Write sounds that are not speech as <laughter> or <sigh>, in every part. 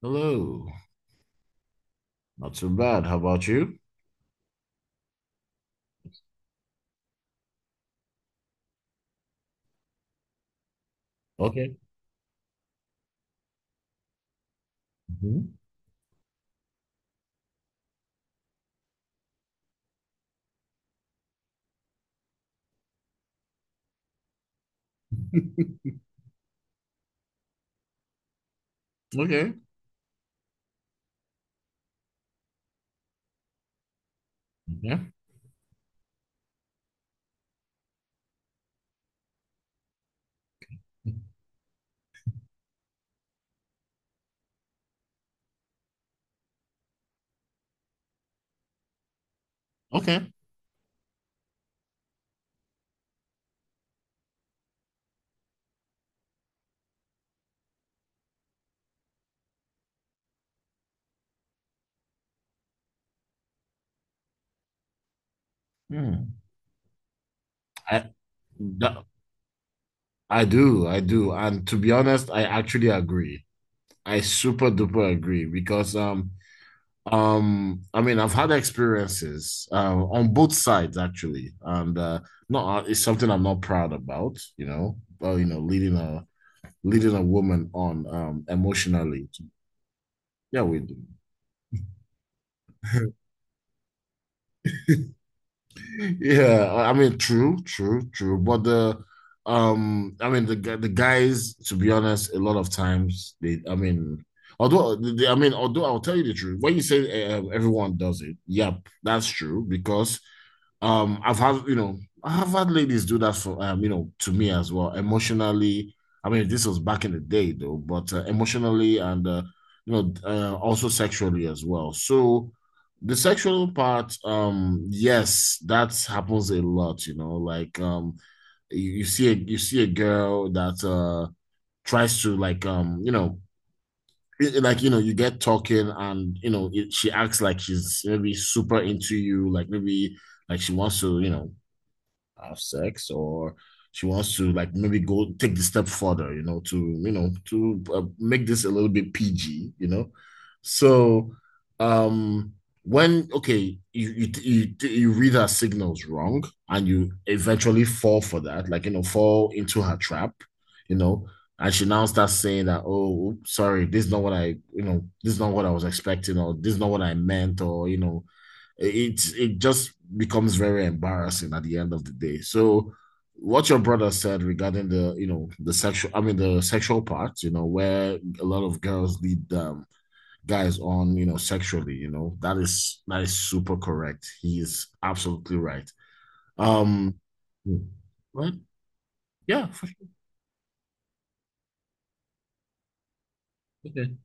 Hello. Not so bad. How about you? Okay. Mhm. <laughs> Okay. Yeah. Okay. Hmm. I that, I do. I do. And to be honest, I actually agree. I super duper agree because I mean, I've had experiences on both sides actually, and not, it's something I'm not proud about, you know, but you know, leading a woman on emotionally. Yeah, we do. Yeah, I mean, true, true, true. But I mean, the guys, to be honest, a lot of times I mean, I mean, although I'll tell you the truth, when you say everyone does it, yep, that's true because I've had ladies do that for, you know, to me as well, emotionally. I mean, this was back in the day though, but emotionally, and, you know, also sexually as well. So the sexual part, yes, that happens a lot, you know, like, you see a, girl that, tries to like, you know, like, you know, you get talking, and you know it, she acts like she's maybe super into you, like maybe like she wants to, you know, have sex, or she wants to like maybe go take the step further, you know, to you know, to make this a little bit PG, you know. So um when, okay, you read her signals wrong, and you eventually fall for that, like, you know, fall into her trap, you know, and she now starts saying that, oh, sorry, this is not what I you know this is not what I meant, or you know, it just becomes very embarrassing at the end of the day. So what your brother said regarding the you know the sexual I mean the sexual part, you know, where a lot of girls lead guys on, you know, sexually, you know, that is, that is super correct. He is absolutely right. Um right? Yeah, for sure. Okay.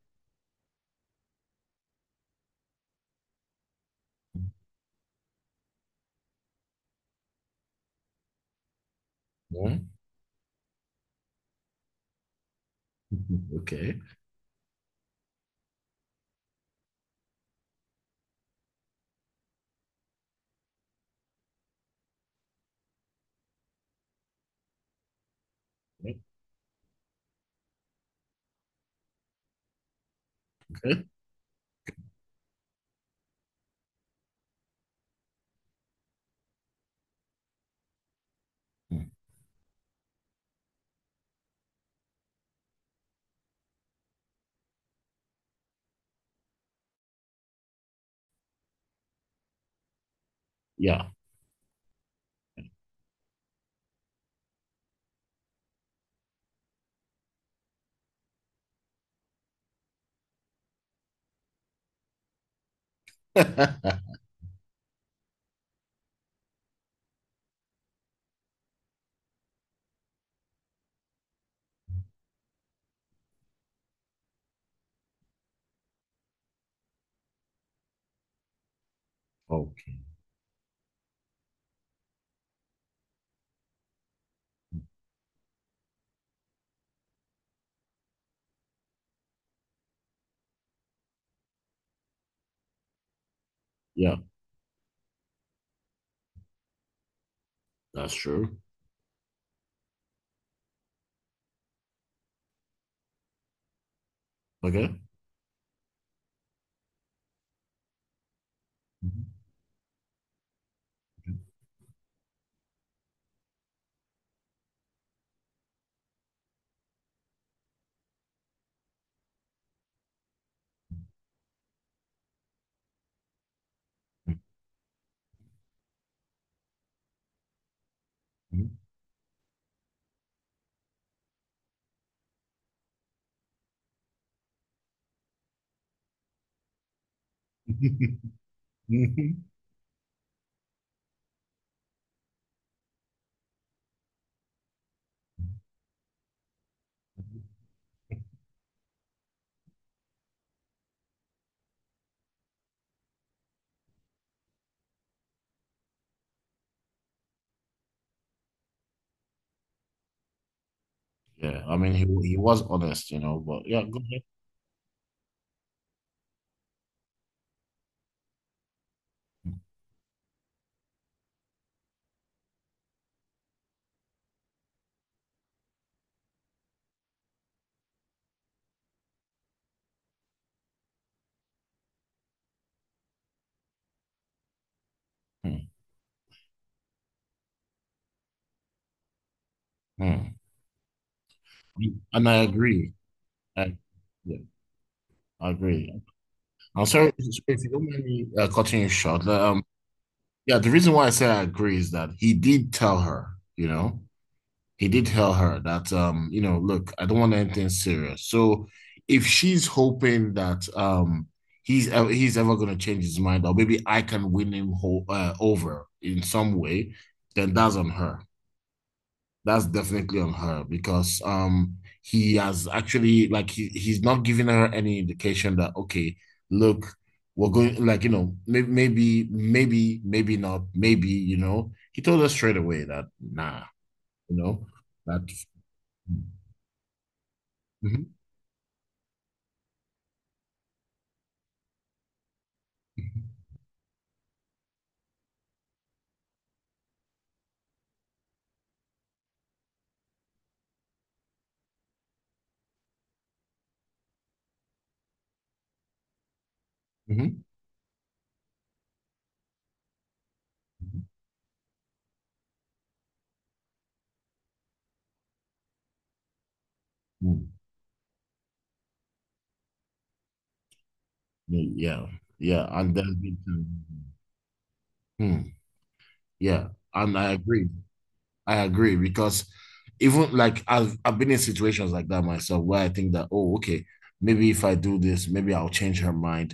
Yeah. Okay. Okay. Yeah. <laughs> Okay. Yeah, that's true. Okay. Mhm. Mhm. <laughs> Mhm. Yeah, I mean, he was honest, you know, but yeah, go ahead. Mhm. Mhm. And I agree. I, yeah, I agree. I'm sorry, if you don't mind me cutting you short. Like, yeah, the reason why I say I agree is that he did tell her, you know, he did tell her that, you know, look, I don't want anything serious. So if she's hoping that he's ever going to change his mind, or maybe I can win him ho over in some way, then that's on her. That's definitely on her, because he has actually, like, he's not giving her any indication that, okay, look, we're going, like, you know, maybe, maybe, maybe, maybe not, maybe, you know, he told us straight away that, nah, you know, that. Mhm, mhm, mhm. Yeah, yeah, and then we can- Hmm, yeah, and I agree. I agree, because even like, I've been in situations like that myself, where I think that, oh, okay, maybe if I do this, maybe I'll change her mind.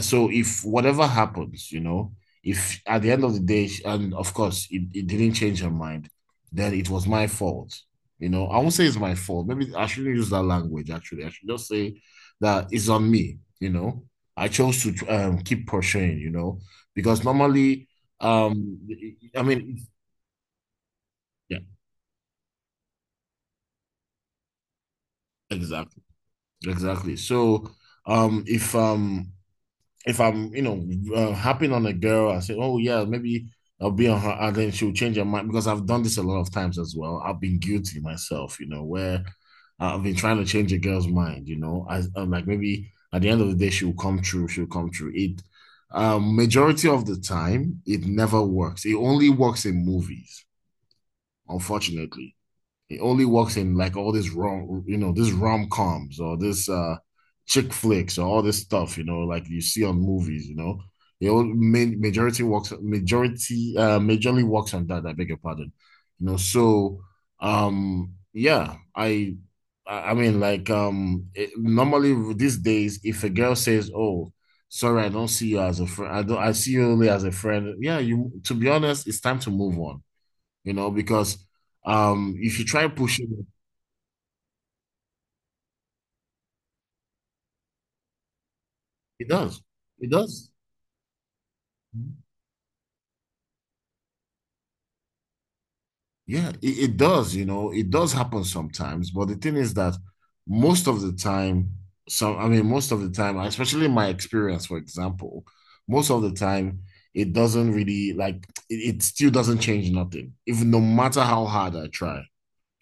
So if whatever happens, you know, if at the end of the day, and of course it, it didn't change her mind, then it was my fault. You know, I won't say it's my fault. Maybe I shouldn't use that language actually. I should just say that it's on me, you know. I chose to keep pursuing, you know, because normally, um, I mean, yeah, exactly. Exactly. So, um, if um, if I'm, you know, harping on a girl, I say, oh yeah, maybe I'll be on her, and then she'll change her mind, because I've done this a lot of times as well. I've been guilty myself, you know, where I've been trying to change a girl's mind, you know, I, I'm like, maybe at the end of the day she'll come true. Majority of the time, it never works. It only works in movies, unfortunately. He only works in like all this rom coms, or this chick flicks, or all this stuff, you know, like you see on movies, you know. He only main, majority works majority majorly works on that, I beg your pardon. You know, so yeah, I mean, like, normally, these days, if a girl says, "Oh, sorry, I don't see you as a friend. I don't I see you only as a friend." Yeah, you to be honest, it's time to move on, you know, because if you try pushing it, it does. It does. Yeah, it does, you know, it does happen sometimes. But the thing is that most of the time, I mean, most of the time, especially in my experience, for example, most of the time, it doesn't really like it still doesn't change nothing, even no matter how hard I try.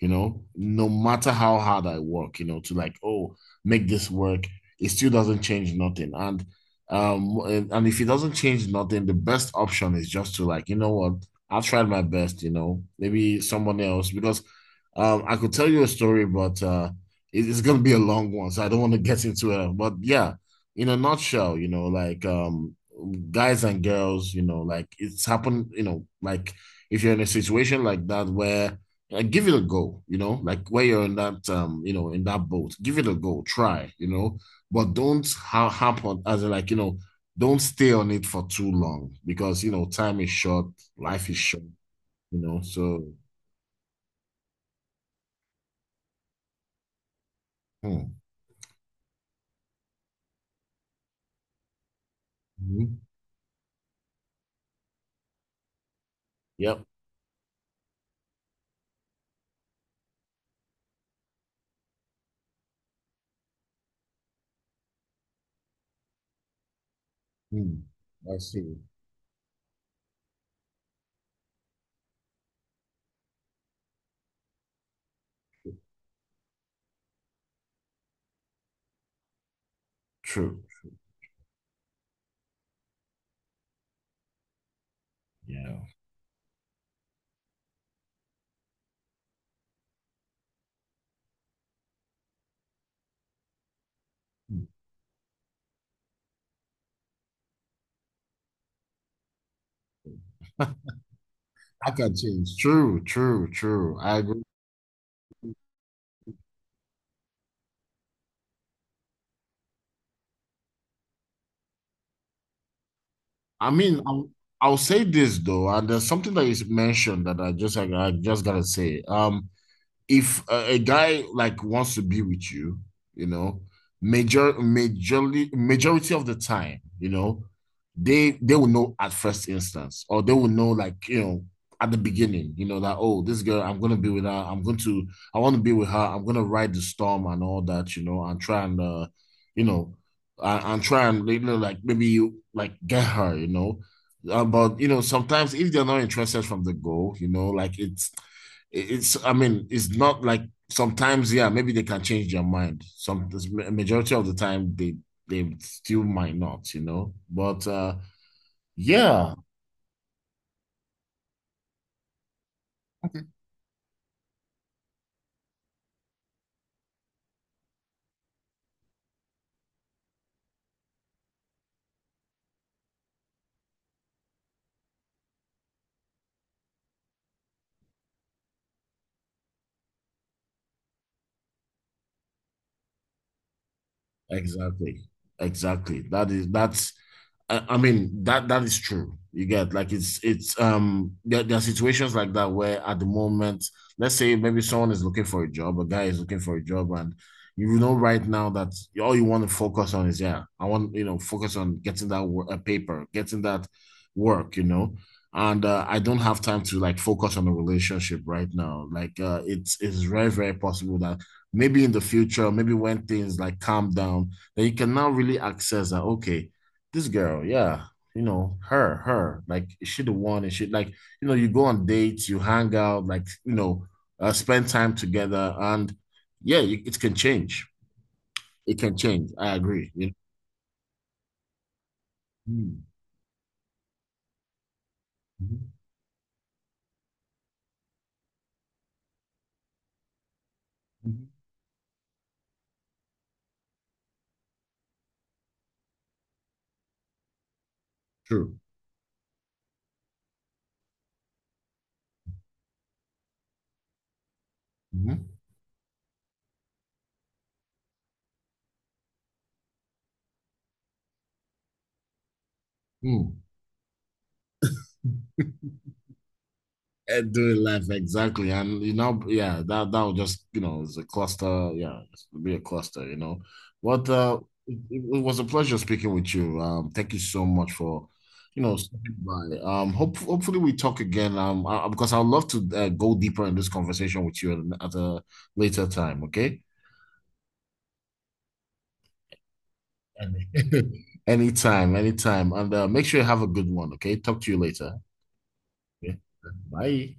You know, no matter how hard I work, you know, to like, oh, make this work, it still doesn't change nothing. And if it doesn't change nothing, the best option is just to, like, you know what, I've tried my best, you know, maybe someone else, because I could tell you a story, but it's gonna be a long one, so I don't want to <laughs> get into it. But yeah, in a nutshell, you know, like, guys and girls, you know, like, it's happened, you know, like, if you're in a situation like that, where, like, give it a go, you know, like, where you're in that you know, in that boat, give it a go, try, you know, but don't harp on, as in like, you know, don't stay on it for too long, because, you know, time is short, life is short, you know. So hmm. Mhm. Yep. Hmm. I see. True. Yeah. <laughs> I can change. True, true, true. I agree. I mean, I'll say this though, and there's something that is mentioned that I just gotta say. If a, a guy like wants to be with you, you know, majority of the time, you know, they will know at first instance, or they will know, like, you know, at the beginning, you know, that, oh, this girl, I'm gonna be with her, I'm going to, I want to be with her, I'm gonna ride the storm and all that, you know, and try and you know, and try, and, you know, like, maybe you like get her, you know. But you know, sometimes if they're not interested from the go, you know, like, it's, I mean, it's not like sometimes, yeah, maybe they can change their mind. Some Majority of the time, they still might not, you know. But yeah. Exactly. Exactly. That is, that's, I mean, that that is true. You get, like, it's there are situations like that, where, at the moment, let's say maybe someone is looking for a job, a guy is looking for a job, and you know, right now, that all you want to focus on is, yeah, I want you know focus on getting that work, a paper, getting that work, you know, and I don't have time to, like, focus on a relationship right now. Like, it's very, very possible that maybe in the future, maybe when things like calm down, then you can now really access that, okay, this girl, yeah, you know, her, her, like, is she the one? And she, like, you know, you go on dates, you hang out, like, you know, spend time together. And yeah, you, it can change. It can change. I agree. You know? Mm, mhm, mhm. True. Mm-hmm. Mm. Do it left, exactly, and you know, yeah, that that would just, you know, it's a cluster. Yeah, it's be a cluster. You know, but it was a pleasure speaking with you. Thank you so much for, you know, stopping by. Hopefully we talk again. Because I'd love to go deeper in this conversation with you at, a later time. Okay. any <laughs> Anytime, anytime, and make sure you have a good one. Okay. Talk to you later. Okay. Bye.